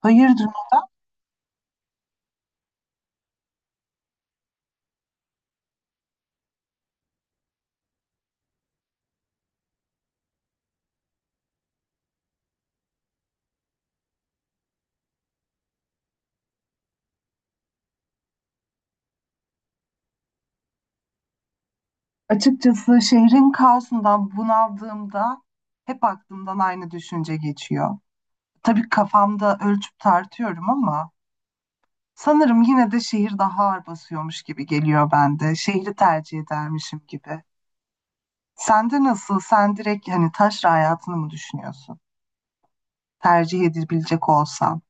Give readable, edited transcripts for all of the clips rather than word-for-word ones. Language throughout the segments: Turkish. Hayırdır? Açıkçası şehrin kaosundan bunaldığımda hep aklımdan aynı düşünce geçiyor. Tabii kafamda ölçüp tartıyorum ama sanırım yine de şehir daha ağır basıyormuş gibi geliyor bende. Şehri tercih edermişim gibi. Sende nasıl? Sen direkt hani taşra hayatını mı düşünüyorsun? Tercih edilebilecek olsan.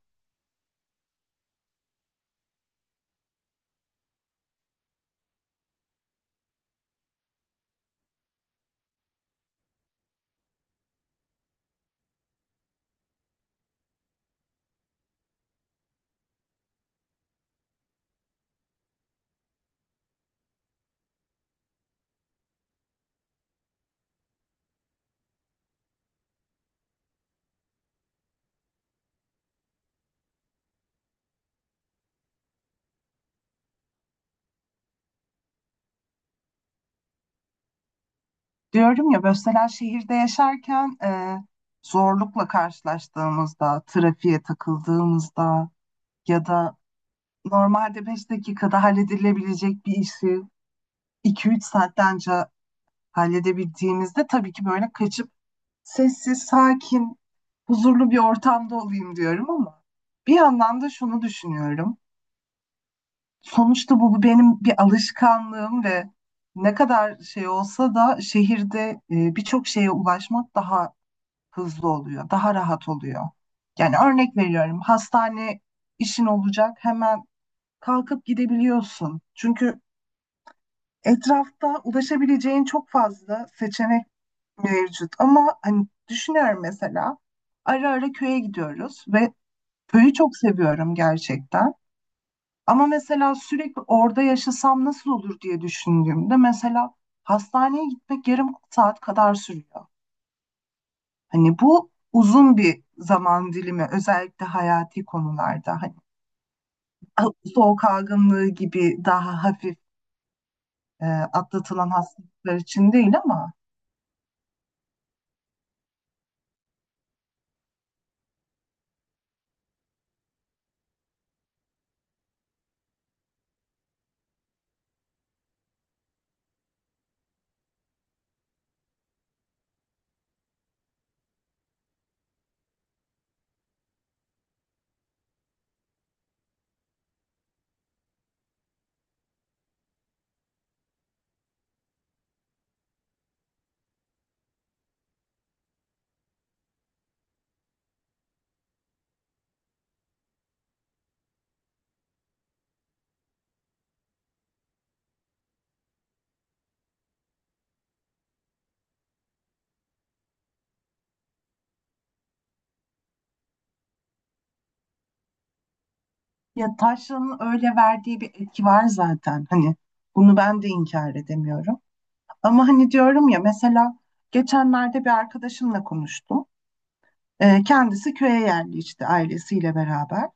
Diyorum ya mesela şehirde yaşarken zorlukla karşılaştığımızda, trafiğe takıldığımızda ya da normalde 5 dakikada halledilebilecek bir işi 2-3 saatlence halledebildiğimizde tabii ki böyle kaçıp sessiz, sakin, huzurlu bir ortamda olayım diyorum ama bir yandan da şunu düşünüyorum. Sonuçta bu benim bir alışkanlığım ve ne kadar şey olsa da şehirde birçok şeye ulaşmak daha hızlı oluyor, daha rahat oluyor. Yani örnek veriyorum, hastane işin olacak hemen kalkıp gidebiliyorsun. Çünkü etrafta ulaşabileceğin çok fazla seçenek mevcut ama hani düşünüyorum mesela ara ara köye gidiyoruz ve köyü çok seviyorum gerçekten. Ama mesela sürekli orada yaşasam nasıl olur diye düşündüğümde mesela hastaneye gitmek yarım saat kadar sürüyor. Hani bu uzun bir zaman dilimi, özellikle hayati konularda, hani soğuk algınlığı gibi daha hafif atlatılan hastalıklar için değil ama ya taşranın öyle verdiği bir etki var zaten. Hani bunu ben de inkar edemiyorum. Ama hani diyorum ya mesela geçenlerde bir arkadaşımla konuştum. Kendisi köye yerleşti ailesiyle beraber.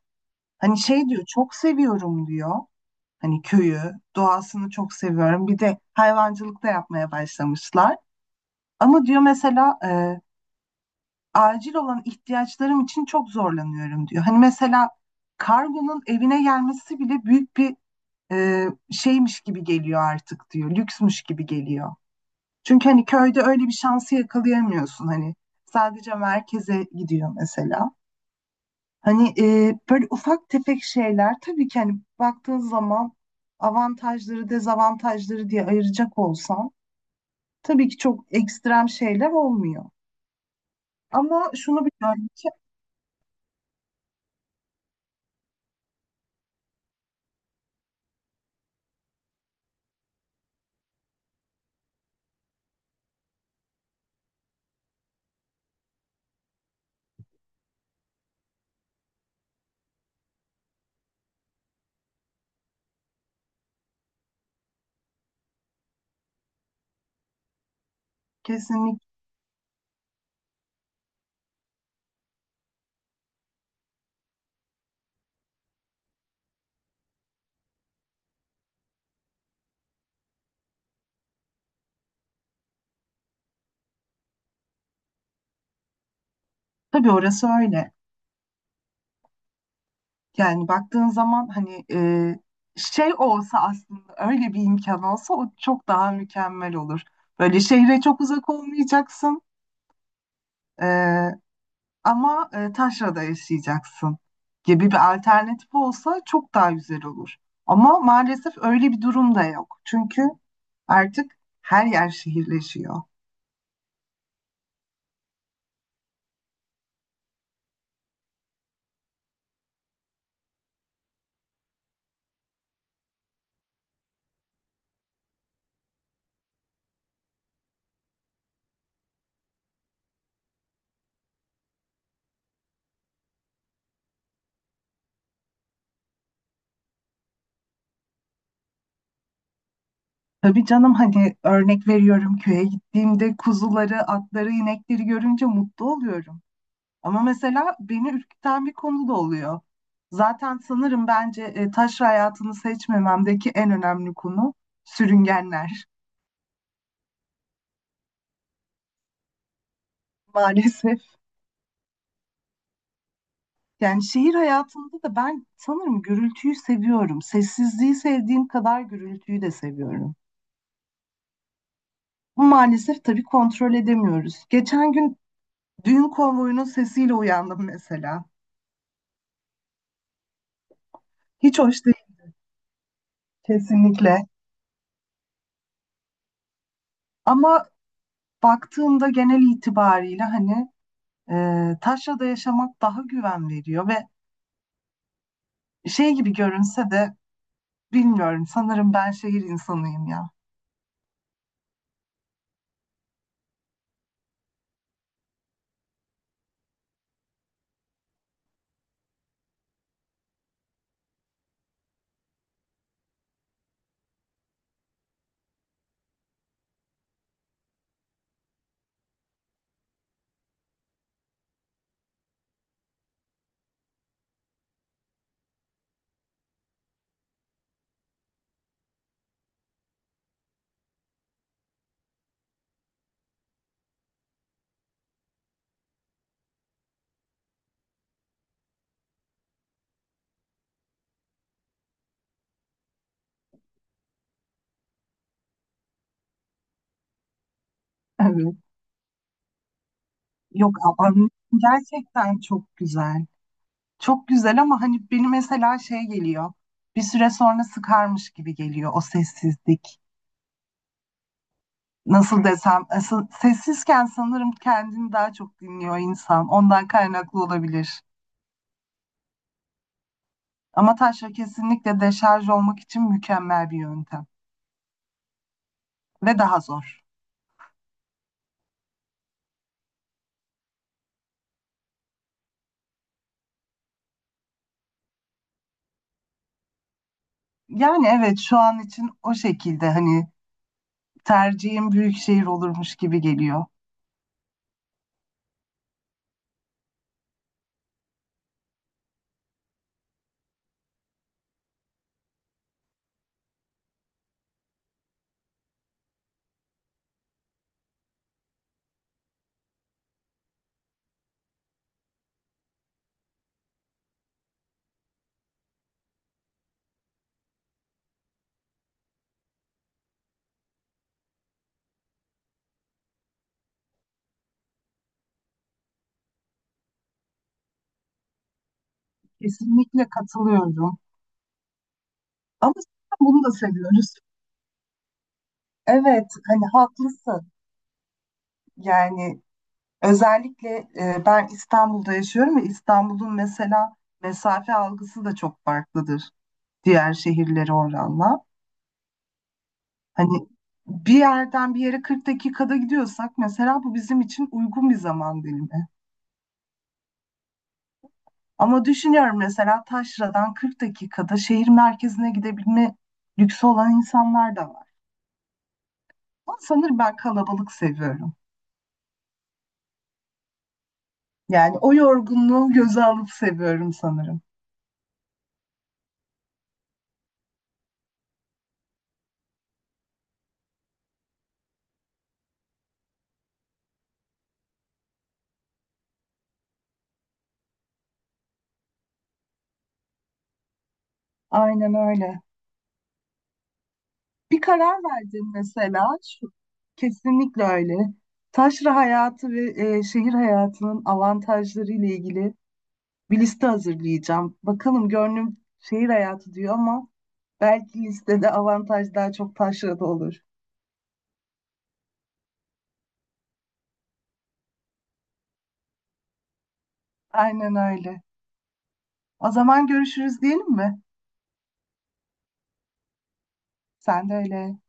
Hani şey diyor, çok seviyorum diyor. Hani köyü, doğasını çok seviyorum. Bir de hayvancılık da yapmaya başlamışlar. Ama diyor mesela acil olan ihtiyaçlarım için çok zorlanıyorum diyor. Hani mesela kargonun evine gelmesi bile büyük bir şeymiş gibi geliyor artık diyor. Lüksmüş gibi geliyor. Çünkü hani köyde öyle bir şansı yakalayamıyorsun hani. Sadece merkeze gidiyor mesela. Hani böyle ufak tefek şeyler, tabii ki hani baktığın zaman avantajları dezavantajları diye ayıracak olsan tabii ki çok ekstrem şeyler olmuyor. Ama şunu biliyorum ki kesinlikle, tabii orası öyle. Yani baktığın zaman hani şey olsa, aslında öyle bir imkan olsa o çok daha mükemmel olur. Böyle şehre çok uzak olmayacaksın e, ama taşrada yaşayacaksın gibi bir alternatif olsa çok daha güzel olur. Ama maalesef öyle bir durum da yok. Çünkü artık her yer şehirleşiyor. Tabii canım, hani örnek veriyorum, köye gittiğimde kuzuları, atları, inekleri görünce mutlu oluyorum. Ama mesela beni ürküten bir konu da oluyor. Zaten sanırım bence taş hayatını seçmememdeki en önemli konu sürüngenler maalesef. Yani şehir hayatında da ben sanırım gürültüyü seviyorum. Sessizliği sevdiğim kadar gürültüyü de seviyorum. Bu maalesef tabii kontrol edemiyoruz. Geçen gün düğün konvoyunun sesiyle uyandım mesela. Hiç hoş. Kesinlikle. Ama baktığımda genel itibariyle hani taşrada yaşamak daha güven veriyor ve şey gibi görünse de bilmiyorum, sanırım ben şehir insanıyım ya. Evet. Yok ama gerçekten çok güzel. Çok güzel ama hani beni mesela şey geliyor. Bir süre sonra sıkarmış gibi geliyor o sessizlik. Nasıl desem, sessizken sanırım kendini daha çok dinliyor insan. Ondan kaynaklı olabilir. Ama taşra kesinlikle deşarj olmak için mükemmel bir yöntem ve daha zor. Yani evet, şu an için o şekilde hani tercihim büyük şehir olurmuş gibi geliyor. Kesinlikle katılıyorum. Ama zaten bunu da seviyoruz. Evet, hani haklısın. Yani özellikle ben İstanbul'da yaşıyorum ve İstanbul'un mesela mesafe algısı da çok farklıdır diğer şehirlere oranla. Hani bir yerden bir yere 40 dakikada gidiyorsak mesela bu bizim için uygun bir zaman dilimi. Ama düşünüyorum mesela Taşra'dan 40 dakikada şehir merkezine gidebilme lüksü olan insanlar da var. Ama sanırım ben kalabalık seviyorum. Yani o yorgunluğu göze alıp seviyorum sanırım. Aynen öyle. Bir karar verdin mesela, şu, kesinlikle öyle. Taşra hayatı ve şehir hayatının avantajları ile ilgili bir liste hazırlayacağım. Bakalım gönlüm şehir hayatı diyor ama belki listede avantaj daha çok taşrada olur. Aynen öyle. O zaman görüşürüz diyelim mi? Sen de öyle.